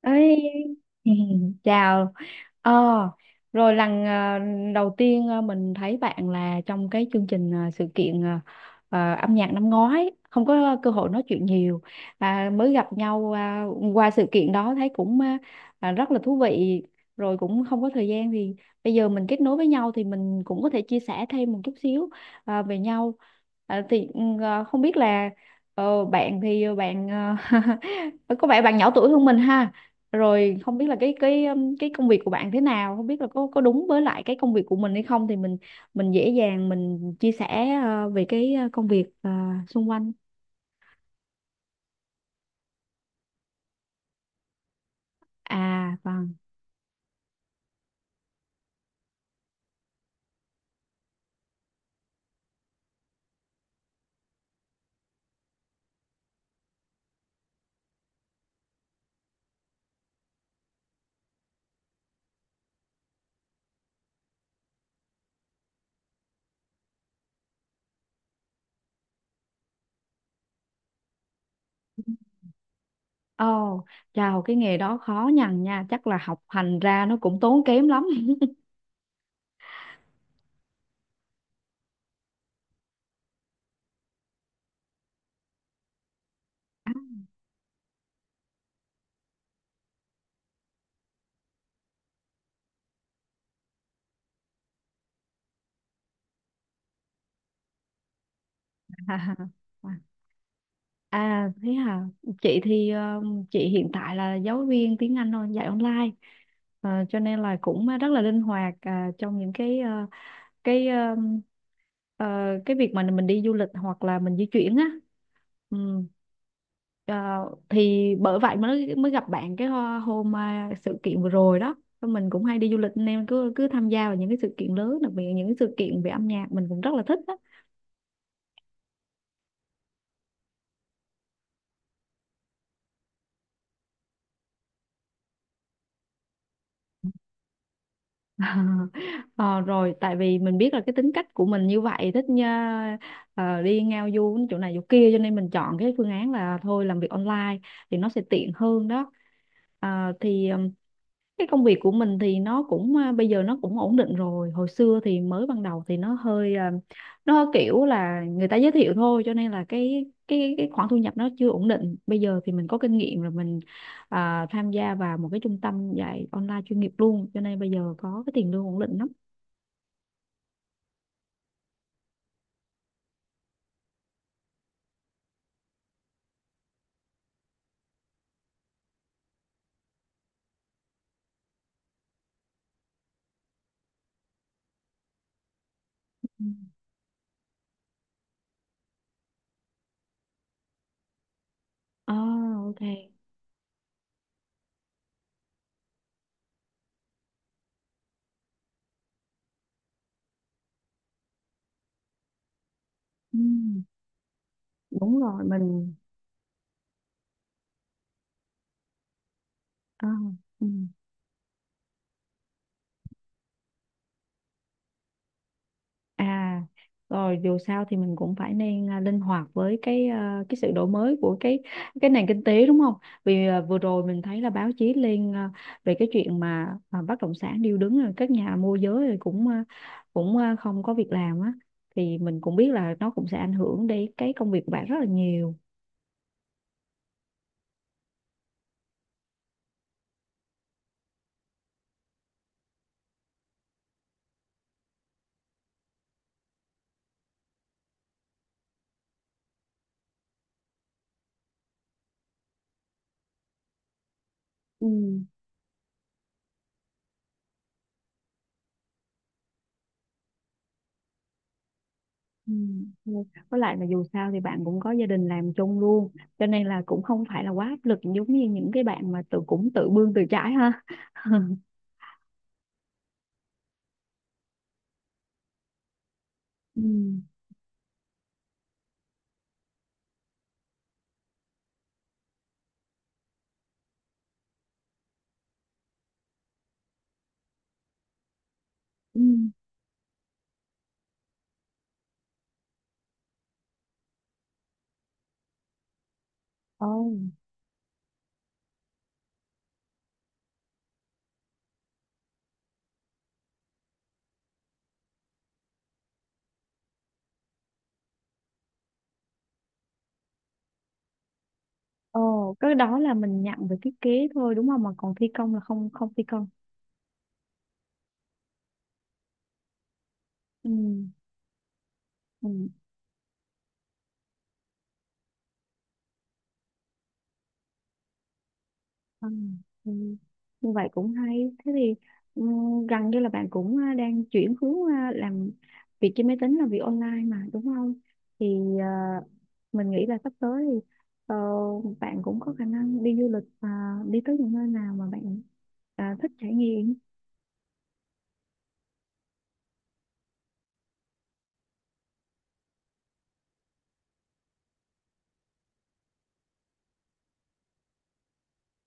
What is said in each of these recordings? Ấy chào ờ rồi lần đầu tiên mình thấy bạn là trong cái chương trình sự kiện, âm nhạc năm ngoái, không có cơ hội nói chuyện nhiều. À, mới gặp nhau, qua sự kiện đó thấy cũng rất là thú vị, rồi cũng không có thời gian. Thì bây giờ mình kết nối với nhau thì mình cũng có thể chia sẻ thêm một chút xíu về nhau. À, thì không biết là bạn thì bạn, ờ, có vẻ bạn nhỏ tuổi hơn mình ha. Rồi không biết là cái công việc của bạn thế nào, không biết là có đúng với lại cái công việc của mình hay không, thì mình dễ dàng mình chia sẻ về cái công việc xung quanh. À vâng. Ồ, chào, cái nghề đó khó nhằn nha, chắc là học hành ra nó cũng tốn kém lắm. À, à thế hả. Chị thì chị hiện tại là giáo viên tiếng Anh thôi, dạy online. Ờ, cho nên là cũng rất là linh hoạt trong những cái cái um, ờ, cái việc mà mình đi du lịch hoặc là mình di chuyển á. ừm, ờ, thì bởi vậy mới mới gặp bạn hôm, sự kiện vừa rồi đó. Thôi mình cũng hay đi du lịch nên cứ cứ tham gia vào những cái sự kiện lớn, đặc biệt là những cái sự kiện về âm nhạc mình cũng rất là thích đó. Ờ, rồi tại vì mình biết là cái tính cách của mình như vậy thích nha, đi ngao du chỗ này chỗ kia, cho nên mình chọn cái phương án là thôi làm việc online thì nó sẽ tiện hơn đó. Ờ, thì ờ, cái công việc của mình thì nó cũng, bây giờ nó cũng ổn định rồi. Hồi xưa thì mới ban đầu thì nó hơi, nó kiểu là người ta giới thiệu thôi, cho nên là cái khoản thu nhập nó chưa ổn định. Bây giờ thì mình có kinh nghiệm rồi, mình tham gia vào một cái trung tâm dạy online chuyên nghiệp luôn, cho nên bây giờ có cái tiền lương ổn định lắm. Ừ. À, ok. Ừ, đúng rồi mình. À, ừ. À, rồi dù sao thì mình cũng phải nên linh hoạt với cái, cái sự đổi mới của cái nền kinh tế đúng không? Vì vừa rồi mình thấy là báo chí lên, về cái chuyện mà bất động sản điêu đứng, rồi các nhà môi giới rồi cũng, không có việc làm á, thì mình cũng biết là nó cũng sẽ ảnh hưởng đến cái công việc của bạn rất là nhiều. Ừ. Ừ. Ừ. Với lại là dù sao thì bạn cũng có gia đình làm chung luôn cho nên là cũng không phải là quá áp lực, giống như những cái bạn mà tự cũng tự bươn tự trái ha. Ừ. Ừ. Ồ, ồ, cái đó là mình nhận về thiết kế thôi đúng không? Mà còn thi công là không, không thi công. Ừ. Ừ. Ừ. Ừ. Như vậy cũng hay. Thế thì ừ, gần như là bạn cũng, đang chuyển hướng làm việc trên máy tính, là việc online mà đúng không? Thì à, mình nghĩ là sắp tới thì ờ, bạn cũng có khả năng đi du lịch và đi tới những nơi nào mà bạn thích trải nghiệm.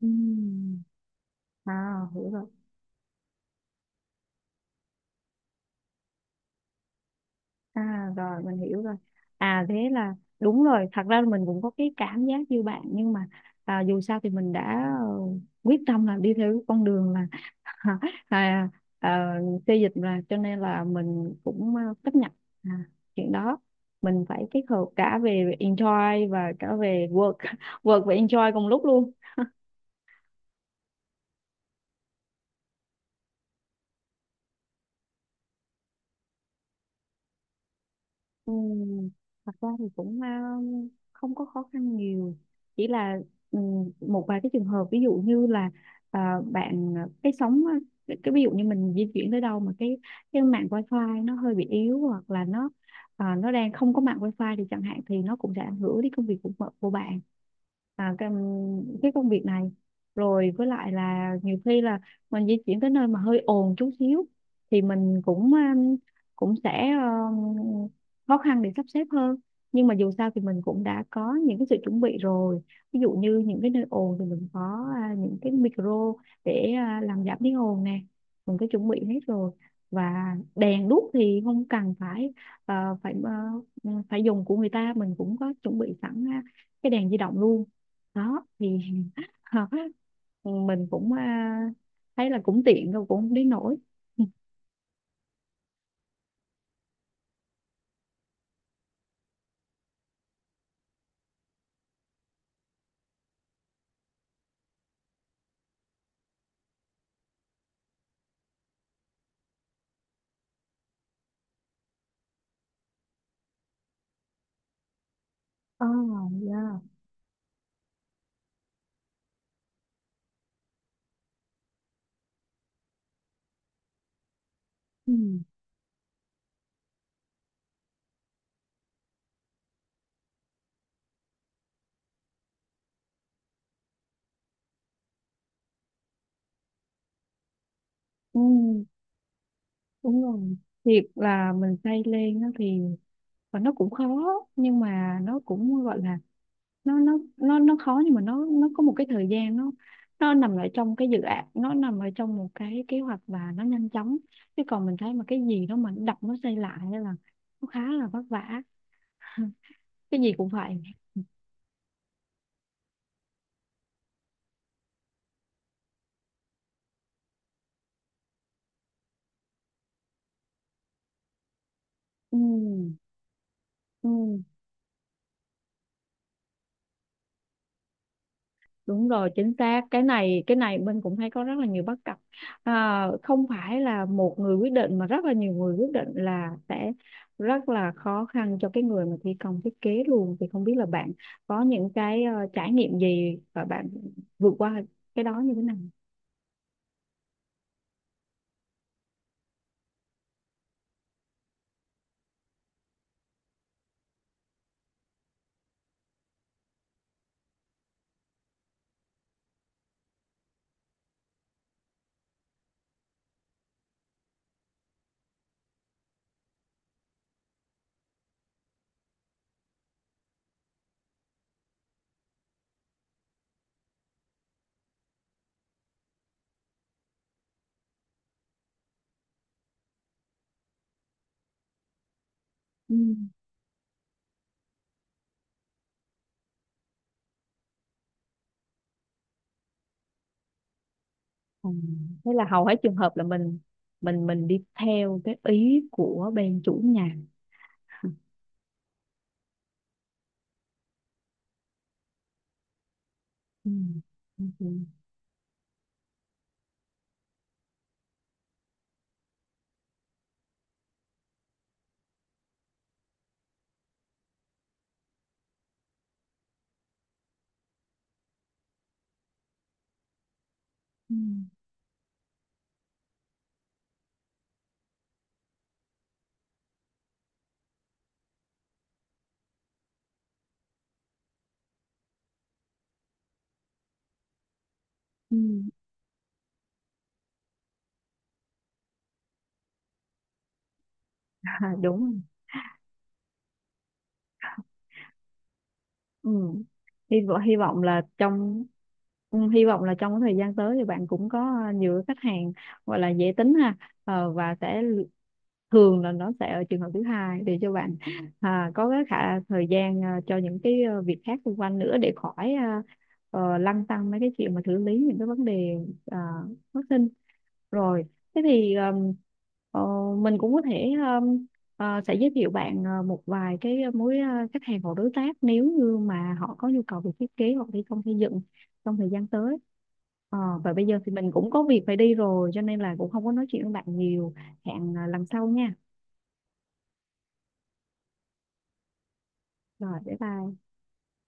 Ừ. À, hiểu rồi. À rồi mình hiểu rồi. À thế là đúng rồi, thật ra mình cũng có cái cảm giác như bạn, nhưng mà dù sao thì mình đã, quyết tâm là đi theo cái con đường là à, à, xê dịch mà cho nên là mình cũng chấp nhận à, chuyện đó. Mình phải kết hợp cả về enjoy và cả về work, work và enjoy cùng lúc luôn. Ừ, thật ra thì cũng không có khó khăn nhiều, chỉ là ừ, một vài cái trường hợp, ví dụ như là ờ, bạn, cái sóng, cái ví dụ như mình di chuyển tới đâu mà cái mạng wifi nó hơi bị yếu, hoặc là nó, nó đang không có mạng wifi thì chẳng hạn, thì nó cũng sẽ ảnh hưởng đến công việc của bạn, à, cái, cái công việc này. Rồi với lại là nhiều khi là mình di chuyển tới nơi mà hơi ồn chút xíu thì mình cũng, cũng sẽ khó khăn để sắp xếp hơn. Nhưng mà dù sao thì mình cũng đã có những cái sự chuẩn bị rồi, ví dụ như những cái nơi ồn thì mình có, những cái micro để làm giảm tiếng ồn nè, mình có chuẩn bị hết rồi. Và đèn đuốc thì không cần phải, à, phải à, phải dùng của người ta, mình cũng có chuẩn bị sẵn cái đèn di động luôn đó. Thì mình cũng, thấy là cũng tiện rồi, cũng không đến nổi. Ồ, oh, yeah. Ừ. Ừ. Đúng rồi. Việc là mình xây lên á thì và nó cũng khó, nhưng mà nó cũng gọi là, nó khó nhưng mà nó có một cái thời gian nó nằm ở trong cái dự án, nó nằm ở trong một cái kế hoạch và nó nhanh chóng. Chứ còn mình thấy mà cái gì đó mà đập nó xây lại á là nó khá là vất vả, cái gì cũng vậy. ừ, ừ, đúng rồi chính xác, cái này mình cũng thấy có rất là nhiều bất cập, không phải là một người quyết định mà rất là nhiều người quyết định, là sẽ rất là khó khăn cho cái người mà thi công thiết kế luôn. Thì không biết là bạn có những cái trải nghiệm gì và bạn vượt qua cái đó như thế nào. Ừ. Ừ. Thế là hầu hết trường hợp là mình đi theo cái ý của bên chủ nhà. Ừ. Ừ. Ừ. Ừ. À, đúng rồi. Ừ. Hy vọng là trong, hy vọng là trong cái thời gian tới thì bạn cũng có nhiều cái khách hàng gọi là dễ tính ha. Ờ, và sẽ l- thường là nó sẽ ở trường hợp thứ hai để cho bạn có cái khả thời gian, cho những cái việc khác xung quanh nữa, để khỏi lăn tăn mấy cái chuyện mà xử lý những cái vấn đề à, phát sinh. Rồi thế thì, ờ, mình cũng có thể, Ờ, sẽ giới thiệu bạn một vài cái khách hàng hoặc đối tác nếu như mà họ có nhu cầu về thiết kế hoặc thi công xây dựng trong thời gian tới. Ờ, và bây giờ thì mình cũng có việc phải đi rồi cho nên là cũng không có nói chuyện với bạn nhiều. Hẹn lần sau nha. Rồi, bye bye.